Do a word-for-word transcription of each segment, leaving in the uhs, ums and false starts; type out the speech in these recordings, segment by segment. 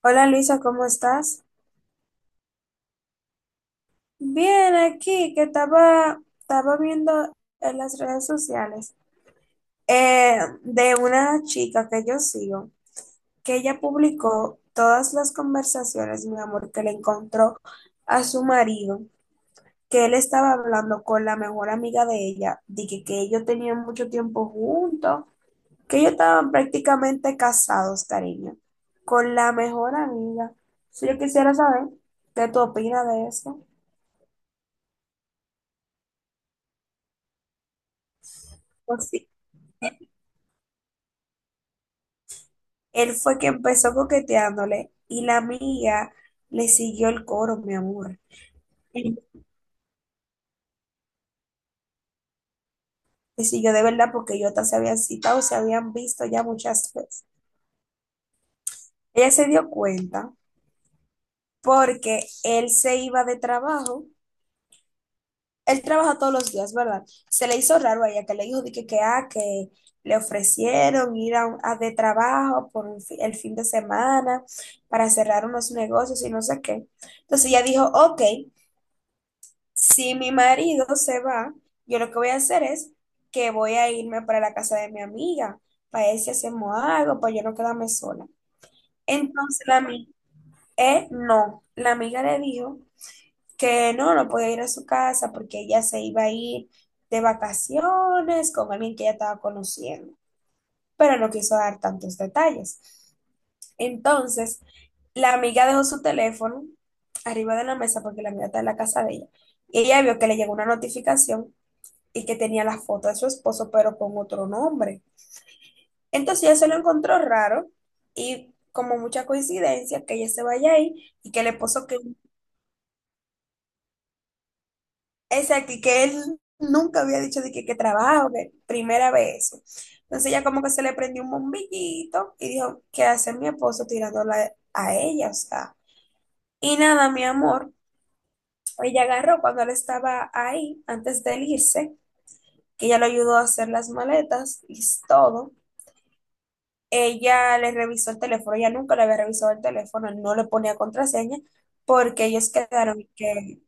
Hola Luisa, ¿cómo estás? Bien, aquí que estaba, estaba viendo en las redes sociales eh, de una chica que yo sigo, que ella publicó todas las conversaciones, mi amor, que le encontró a su marido, que él estaba hablando con la mejor amiga de ella, de que, que ellos tenían mucho tiempo juntos, que ellos estaban prácticamente casados, cariño, con la mejor amiga. Si yo quisiera saber qué tú opinas de eso. Él fue que empezó coqueteándole y la amiga le siguió el coro, mi amor. Le siguió de verdad porque ellos hasta se habían citado, se habían visto ya muchas veces. Ella se dio cuenta porque él se iba de trabajo. Él trabaja todos los días, ¿verdad? Se le hizo raro a ella que le dijo de que, que, ah, que le ofrecieron ir a, a de trabajo por un fi- el fin de semana para cerrar unos negocios y no sé qué. Entonces ella dijo, ok, si mi marido se va, yo lo que voy a hacer es que voy a irme para la casa de mi amiga, para ver si hacemos algo, para yo no quedarme sola. Entonces la amiga, eh, no, la amiga le dijo que no, no podía ir a su casa porque ella se iba a ir de vacaciones con alguien que ella estaba conociendo, pero no quiso dar tantos detalles. Entonces, la amiga dejó su teléfono arriba de la mesa porque la amiga está en la casa de ella. Y ella vio que le llegó una notificación y que tenía la foto de su esposo, pero con otro nombre. Entonces ella se lo encontró raro y como mucha coincidencia que ella se vaya ahí y que el esposo que, exacto, y que él nunca había dicho de que, que trabajo, que primera vez eso. Entonces ella como que se le prendió un bombillito y dijo, ¿qué hace mi esposo tirándola a ella? O sea, y nada, mi amor, ella agarró cuando él estaba ahí, antes de él irse, que ella lo ayudó a hacer las maletas y todo. Ella le revisó el teléfono, ella nunca le había revisado el teléfono, no le ponía contraseña, porque ellos quedaron en que,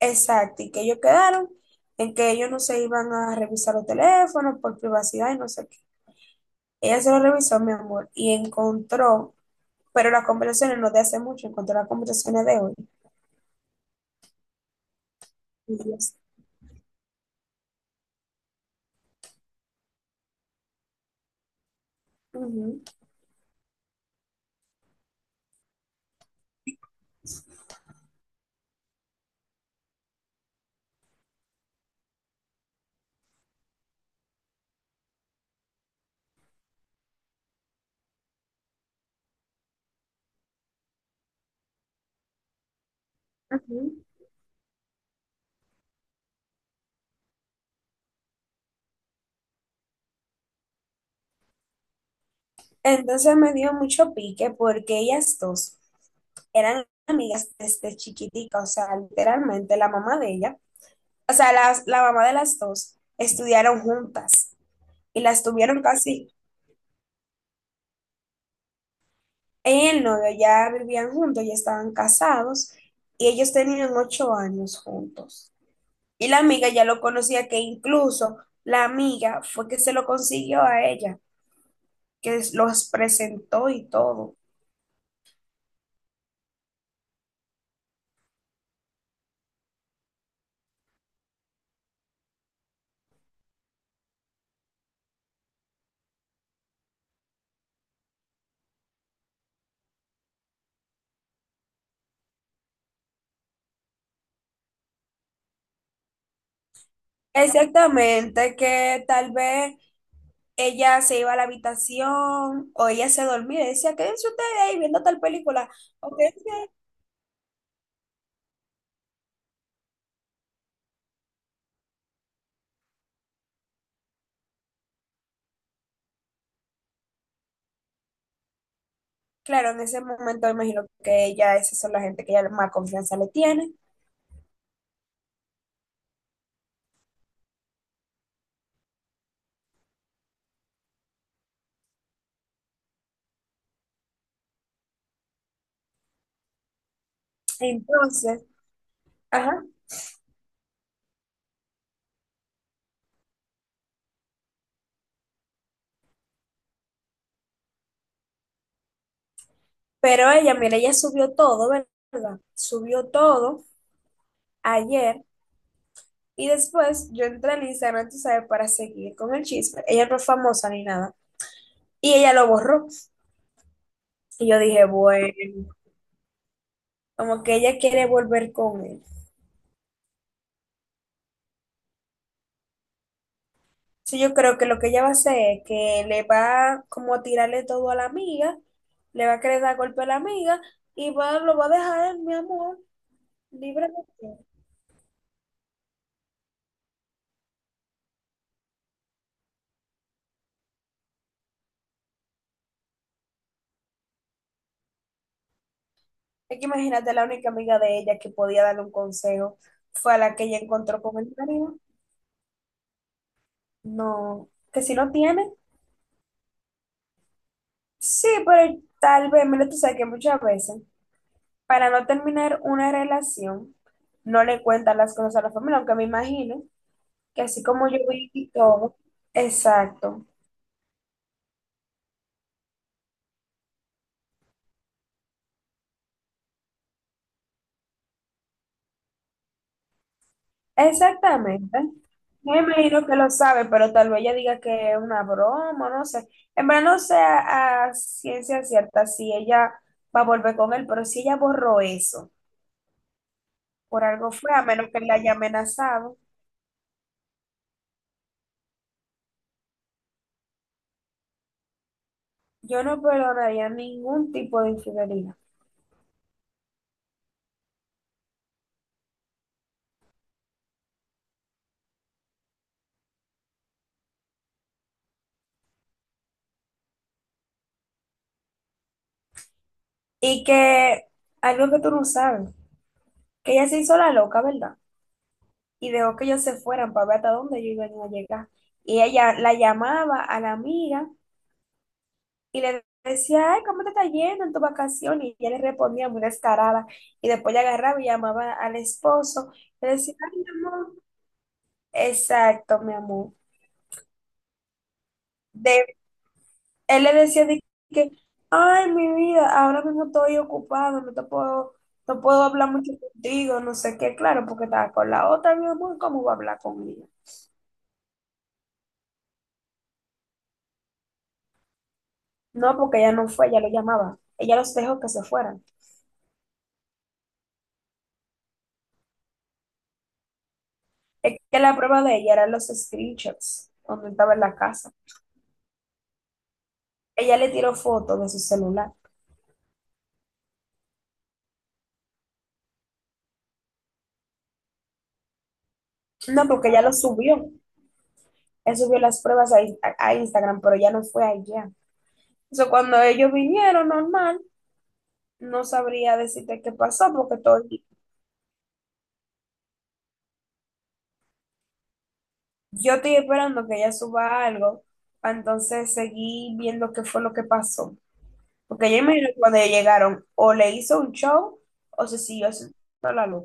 exacto, y que ellos quedaron en que ellos no se iban a revisar los teléfonos por privacidad y no sé qué. Ella se lo revisó, mi amor, y encontró, pero las conversaciones no de hace mucho, encontró las conversaciones de hoy. Y yo, ujú, ujú. Entonces me dio mucho pique porque ellas dos eran amigas desde chiquitica, o sea, literalmente la mamá de ella. O sea, las, la mamá de las dos estudiaron juntas y las tuvieron casi en el novio, ya vivían juntos, ya estaban casados y ellos tenían ocho años juntos. Y la amiga ya lo conocía, que incluso la amiga fue que se lo consiguió a ella, que los presentó y todo. Exactamente, que tal vez ella se iba a la habitación o ella se dormía y decía, quédense ustedes ahí viendo tal película. Ok. Claro, en ese momento imagino que ella, esas son la gente que ella más confianza le tiene. Entonces, ajá, pero ella, mira, ella subió todo, ¿verdad? Subió todo ayer y después yo entré al Instagram, tú sabes, para seguir con el chisme. Ella no es famosa ni nada. Y ella lo borró. Y yo dije, bueno, como que ella quiere volver con él. Sí, yo creo que lo que ella va a hacer es que le va como a tirarle todo a la amiga, le va a querer dar golpe a la amiga y va, lo va a dejar, mi amor. ¿Libre de qué? Es que imagínate, la única amiga de ella que podía darle un consejo fue a la que ella encontró con el marido. No, que si no tiene. Sí, pero tal vez, mira, tú sabes que muchas veces, para no terminar una relación, no le cuentan las cosas a la familia, aunque me imagino que así como yo vi y todo, exacto. Exactamente. Me imagino que lo sabe, pero tal vez ella diga que es una broma, no sé. En verdad no sé a, a ciencia cierta si ella va a volver con él, pero si ella borró eso, por algo fue, a menos que él la haya amenazado, yo no perdonaría ningún tipo de infidelidad. Y que algo que tú no sabes, que ella se hizo la loca, ¿verdad? Y dejó que ellos se fueran para ver hasta dónde ellos iban a llegar. Y ella la llamaba a la amiga. Y le decía, ay, ¿cómo te está yendo en tu vacación? Y ella le respondía muy descarada. Y después le agarraba y llamaba al esposo. Le decía, ay, mi amor. Exacto, mi amor. De, Él le decía de que, ay, mi vida, ahora mismo estoy ocupado, no te puedo, no puedo hablar mucho contigo, no sé qué, claro, porque estaba con la otra, mi amor, ¿cómo voy a hablar con ella? No, porque ella no fue, ella lo llamaba. Ella los dejó que se fueran. Es que la prueba de ella eran los screenshots, donde estaba en la casa. Ella le tiró fotos de su celular. No, porque ella lo subió. Él subió las pruebas a, Insta- a Instagram, pero ya no fue allá. Eso cuando ellos vinieron normal, no sabría decirte qué pasó, porque todo. Yo estoy esperando que ella suba algo. Pa' Entonces seguí viendo qué fue lo que pasó. Porque yo imagino que cuando ellos llegaron, o le hizo un show, o se siguió haciendo la luz.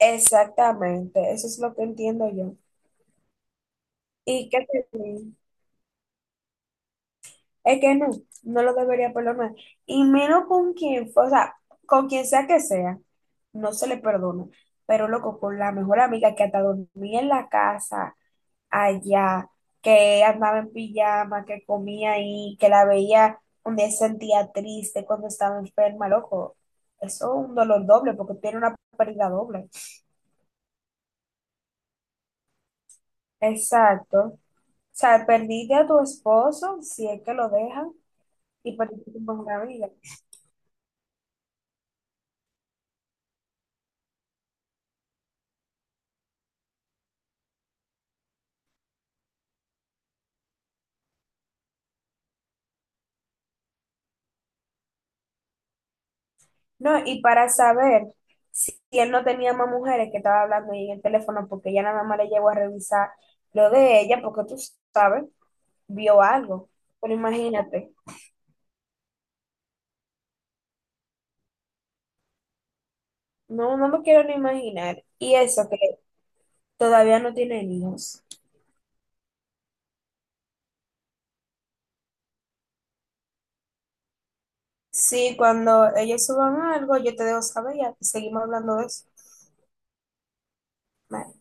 Exactamente, eso es lo que entiendo yo. ¿Y qué te digo? Es que no, no lo debería perdonar. Y menos con quien, fue, o sea, con quien sea que sea, no se le perdona. Pero loco, con la mejor amiga que hasta dormía en la casa allá, que andaba en pijama, que comía ahí, que la veía cuando se sentía triste, cuando estaba enferma, loco. Eso es un dolor doble porque tiene una pérdida doble. Exacto. O sea, perdiste a tu esposo, si es que lo dejan, y perdiste tu mejor amiga. No, y para saber si si él no tenía más mujeres que estaba hablando ahí en el teléfono, porque ella nada más le llegó a revisar lo de ella, porque tú sabes, vio algo. Pero imagínate, no, no me quiero ni imaginar. Y eso que todavía no tienen hijos. Sí, cuando ellos suban algo, yo te dejo saber y seguimos hablando de eso. Bye.